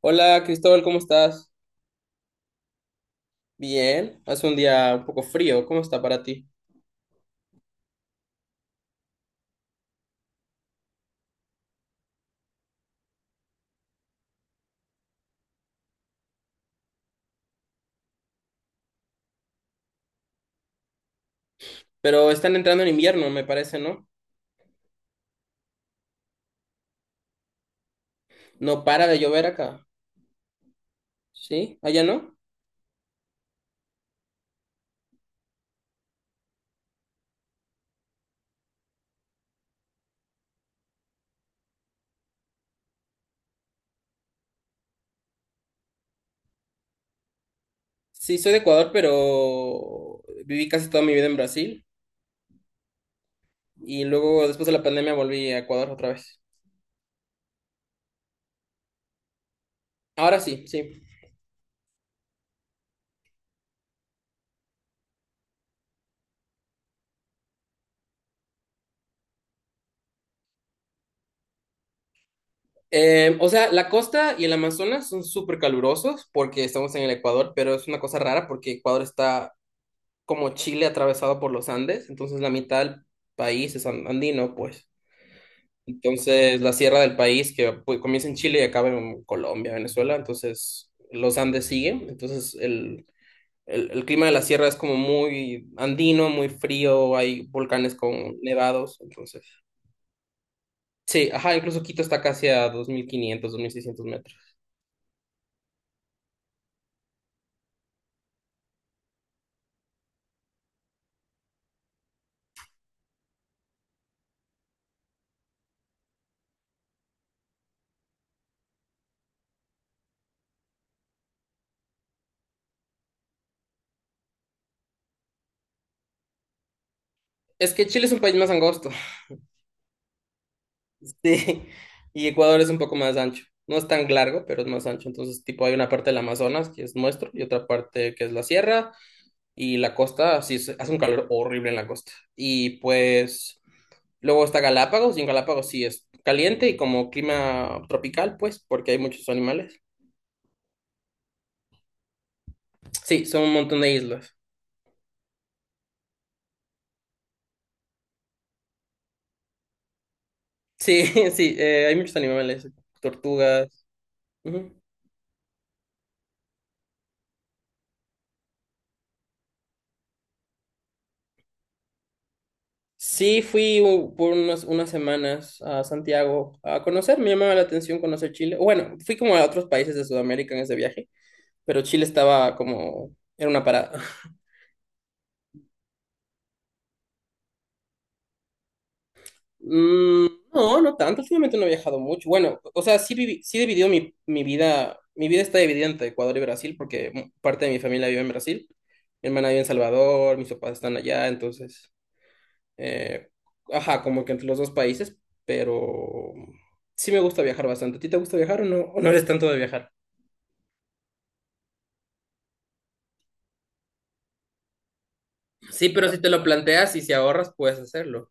Hola Cristóbal, ¿cómo estás? Bien, hace un día un poco frío, ¿cómo está para ti? Pero están entrando en invierno, me parece, ¿no? No para de llover acá, ¿sí? ¿Allá no? Sí, soy de Ecuador, pero viví casi toda mi vida en Brasil y luego después de la pandemia volví a Ecuador otra vez. Ahora sí, sí. O sea, la costa y el Amazonas son súper calurosos porque estamos en el Ecuador, pero es una cosa rara porque Ecuador está como Chile atravesado por los Andes, entonces la mitad del país es andino, pues. Entonces, la sierra del país que pues, comienza en Chile y acaba en Colombia, Venezuela, entonces los Andes siguen, entonces el clima de la sierra es como muy andino, muy frío, hay volcanes con nevados. Entonces... Sí, ajá, incluso Quito está casi a 2500, 2600 metros. Es que Chile es un país más angosto, sí, y Ecuador es un poco más ancho. No es tan largo, pero es más ancho. Entonces, tipo, hay una parte del Amazonas que es nuestro y otra parte que es la sierra y la costa, sí, hace un calor horrible en la costa. Y pues, luego está Galápagos y en Galápagos sí es caliente y como clima tropical, pues, porque hay muchos animales. Sí, son un montón de islas. Sí, sí, hay muchos animales, tortugas. Ujú. Sí, fui por unas semanas a Santiago a conocer, me llamaba la atención conocer Chile. Bueno, fui como a otros países de Sudamérica en ese viaje, pero Chile estaba como, era una parada. Mm, no, no tanto, últimamente no he viajado mucho. Bueno, o sea, sí, sí he dividido mi, vida, mi vida está dividida entre Ecuador y Brasil, porque parte de mi familia vive en Brasil, mi hermana vive en Salvador, mis papás están allá. Entonces... eh, ajá como que entre los dos países, pero sí me gusta viajar bastante. ¿A ti te gusta viajar o no eres tanto de viajar? Sí, pero si te lo planteas y si ahorras, puedes hacerlo.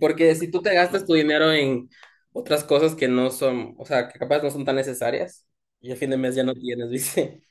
Porque si tú te gastas tu dinero en otras cosas que no son, o sea, que capaz no son tan necesarias, y a fin de mes ya no tienes, ¿viste?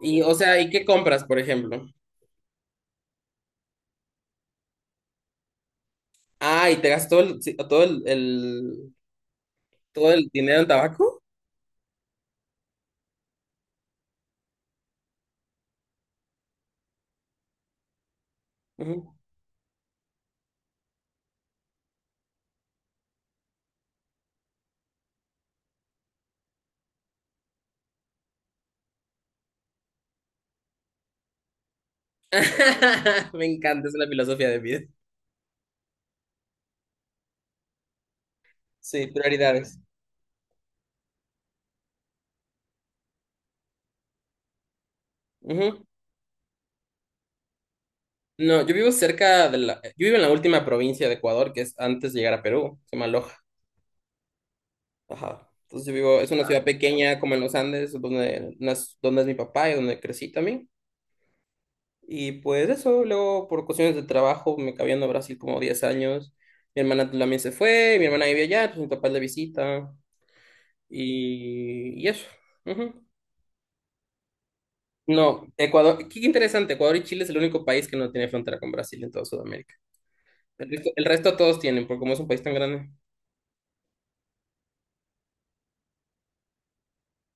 Y, o sea, ¿y qué compras, por ejemplo? Ah, ¿y te gastas todo el, sí, todo el dinero en tabaco? Ujú. Me encanta, es la filosofía de vida. Sí, prioridades. Ujú. No, yo vivo en la última provincia de Ecuador, que es antes de llegar a Perú, se llama Loja. Ajá. Entonces es una ciudad pequeña como en los Andes, donde es mi papá y donde crecí también. Y pues eso, luego por cuestiones de trabajo me acabé yendo a Brasil como 10 años. Mi hermana también se fue, mi hermana vivía allá, pues mi papá es de visita y eso. Ujú. No, Ecuador, qué interesante, Ecuador y Chile es el único país que no tiene frontera con Brasil en toda Sudamérica. El resto todos tienen, porque como es un país tan grande.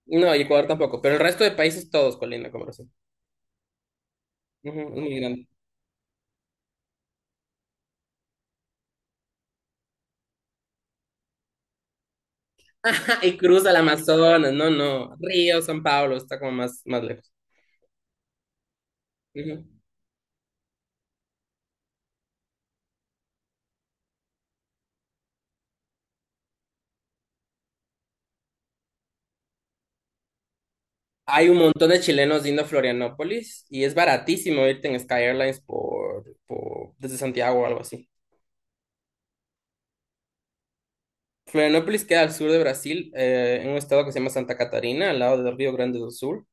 No, y Ecuador tampoco, pero el resto de países todos colindan con Brasil. Ujú, es muy grande. Y cruza el Amazonas, no, no. Río, San Pablo, está como más, más lejos. Ujú. Hay un montón de chilenos yendo a Florianópolis y es baratísimo irte en Sky Airlines por, desde Santiago o algo así. Florianópolis queda al sur de Brasil, en un estado que se llama Santa Catarina, al lado del Río Grande do Sul,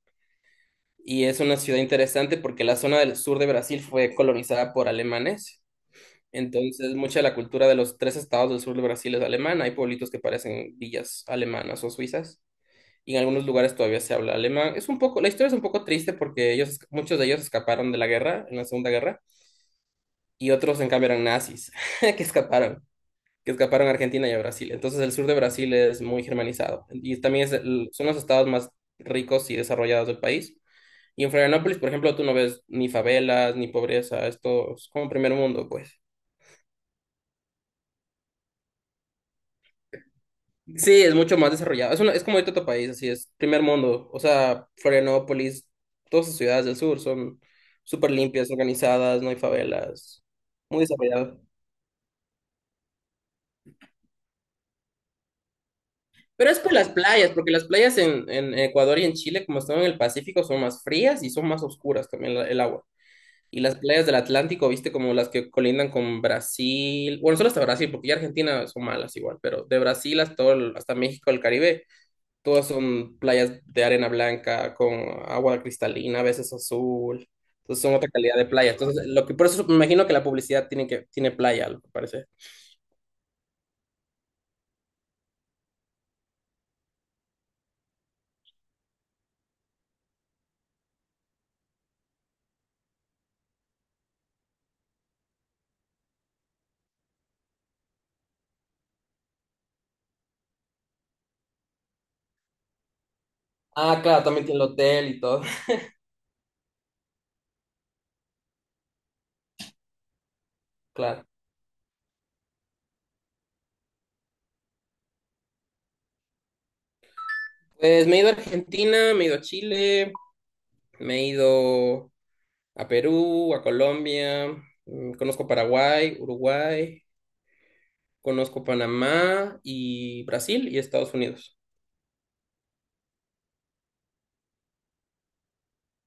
y es una ciudad interesante porque la zona del sur de Brasil fue colonizada por alemanes. Entonces, mucha de la cultura de los tres estados del sur de Brasil es alemana. Hay pueblitos que parecen villas alemanas o suizas. Y en algunos lugares todavía se habla alemán. Es un poco, la historia es un poco triste porque muchos de ellos escaparon de la guerra, en la Segunda Guerra, y otros en cambio eran nazis que escaparon, que escaparon a Argentina y a Brasil. Entonces el sur de Brasil es muy germanizado y también son los estados más ricos y desarrollados del país. Y en Florianópolis, por ejemplo, tú no ves ni favelas, ni pobreza, esto es como primer mundo, pues. Sí, es mucho más desarrollado. Es como de otro país, así es, primer mundo. O sea, Florianópolis, todas las ciudades del sur son súper limpias, organizadas, no hay favelas, muy desarrollado. Pero es por las playas, porque las playas en Ecuador y en Chile, como están en el Pacífico, son más frías y son más oscuras también el agua. Y las playas del Atlántico, viste, como las que colindan con Brasil, bueno, solo hasta Brasil, porque ya Argentina son malas igual, pero de Brasil hasta, hasta México, el Caribe, todas son playas de arena blanca, con agua cristalina, a veces azul. Entonces son otra calidad de playa. Entonces, lo que, por eso me imagino que la publicidad tiene playa, lo que parece. Ah, claro, también tiene el hotel y todo. Claro. Pues me he ido a Argentina, me he ido a Chile, me he ido a Perú, a Colombia, conozco Paraguay, Uruguay, conozco Panamá y Brasil y Estados Unidos.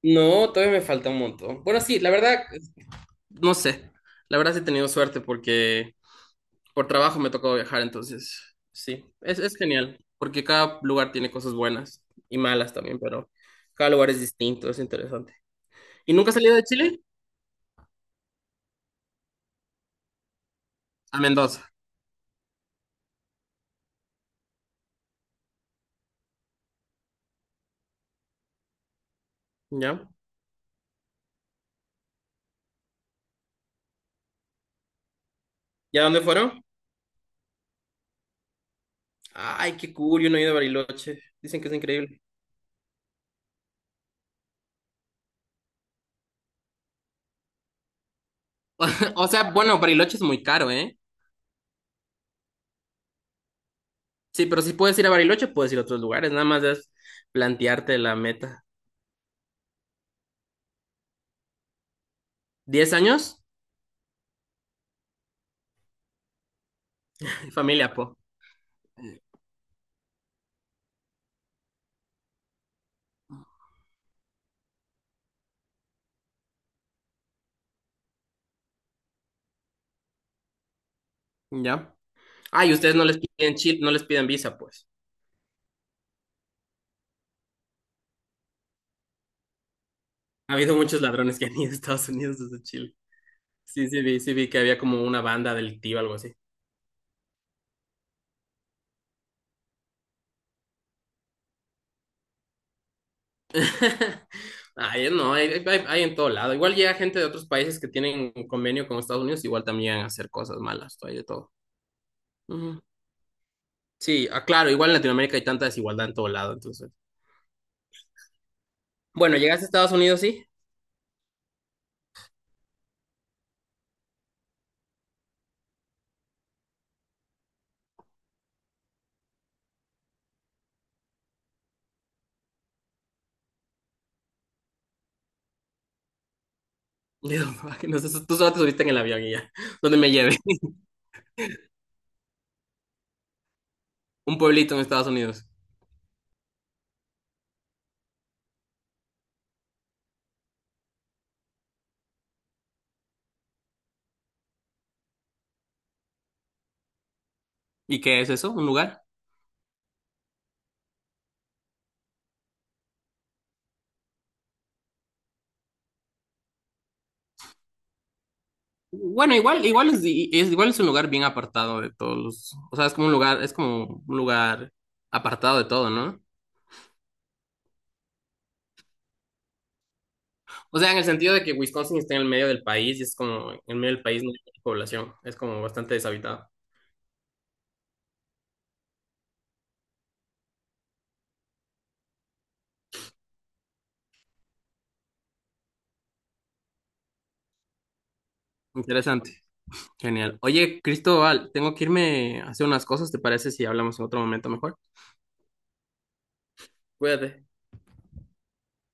No, todavía me falta un montón. Bueno, sí, la verdad, no sé. La verdad sí he tenido suerte porque por trabajo me tocó viajar, entonces sí, es genial, porque cada lugar tiene cosas buenas y malas también, pero cada lugar es distinto, es interesante. ¿Y nunca has salido de Chile? A Mendoza, ¿ya? ¿Y a dónde fueron? Ay, qué cool, yo no he ido a Bariloche. Dicen que es increíble. O sea, bueno, Bariloche es muy caro, ¿eh? Sí, pero si puedes ir a Bariloche, puedes ir a otros lugares. Nada más es plantearte la meta. ¿10 años? Familia, po. Ya. Ah, y ustedes no les piden no les piden visa, pues. Ha habido muchos ladrones que han ido a Estados Unidos desde Chile. Sí, sí, vi que había como una banda delictiva, algo así. Ay, no, hay en todo lado. Igual llega gente de otros países que tienen un convenio con Estados Unidos, igual también a hacer cosas malas, hay de todo. Ujú. Sí, ah, claro, igual en Latinoamérica hay tanta desigualdad en todo lado. Entonces. Bueno, llegaste a Estados Unidos, sí. Digo, que no sé, tú solo te subiste en el avión y ya. ¿Dónde me lleve? Un pueblito en Estados Unidos. ¿Y qué es eso? ¿Un lugar? Bueno, igual es un lugar bien apartado de todos los, o sea, es como un lugar apartado de todo, ¿no? O sea, en el sentido de que Wisconsin está en el medio del país y es como, en el medio del país no hay mucha población, es como bastante deshabitado. Interesante. Genial. Oye, Cristóbal, tengo que irme a hacer unas cosas, ¿te parece si hablamos en otro momento mejor? Cuídate.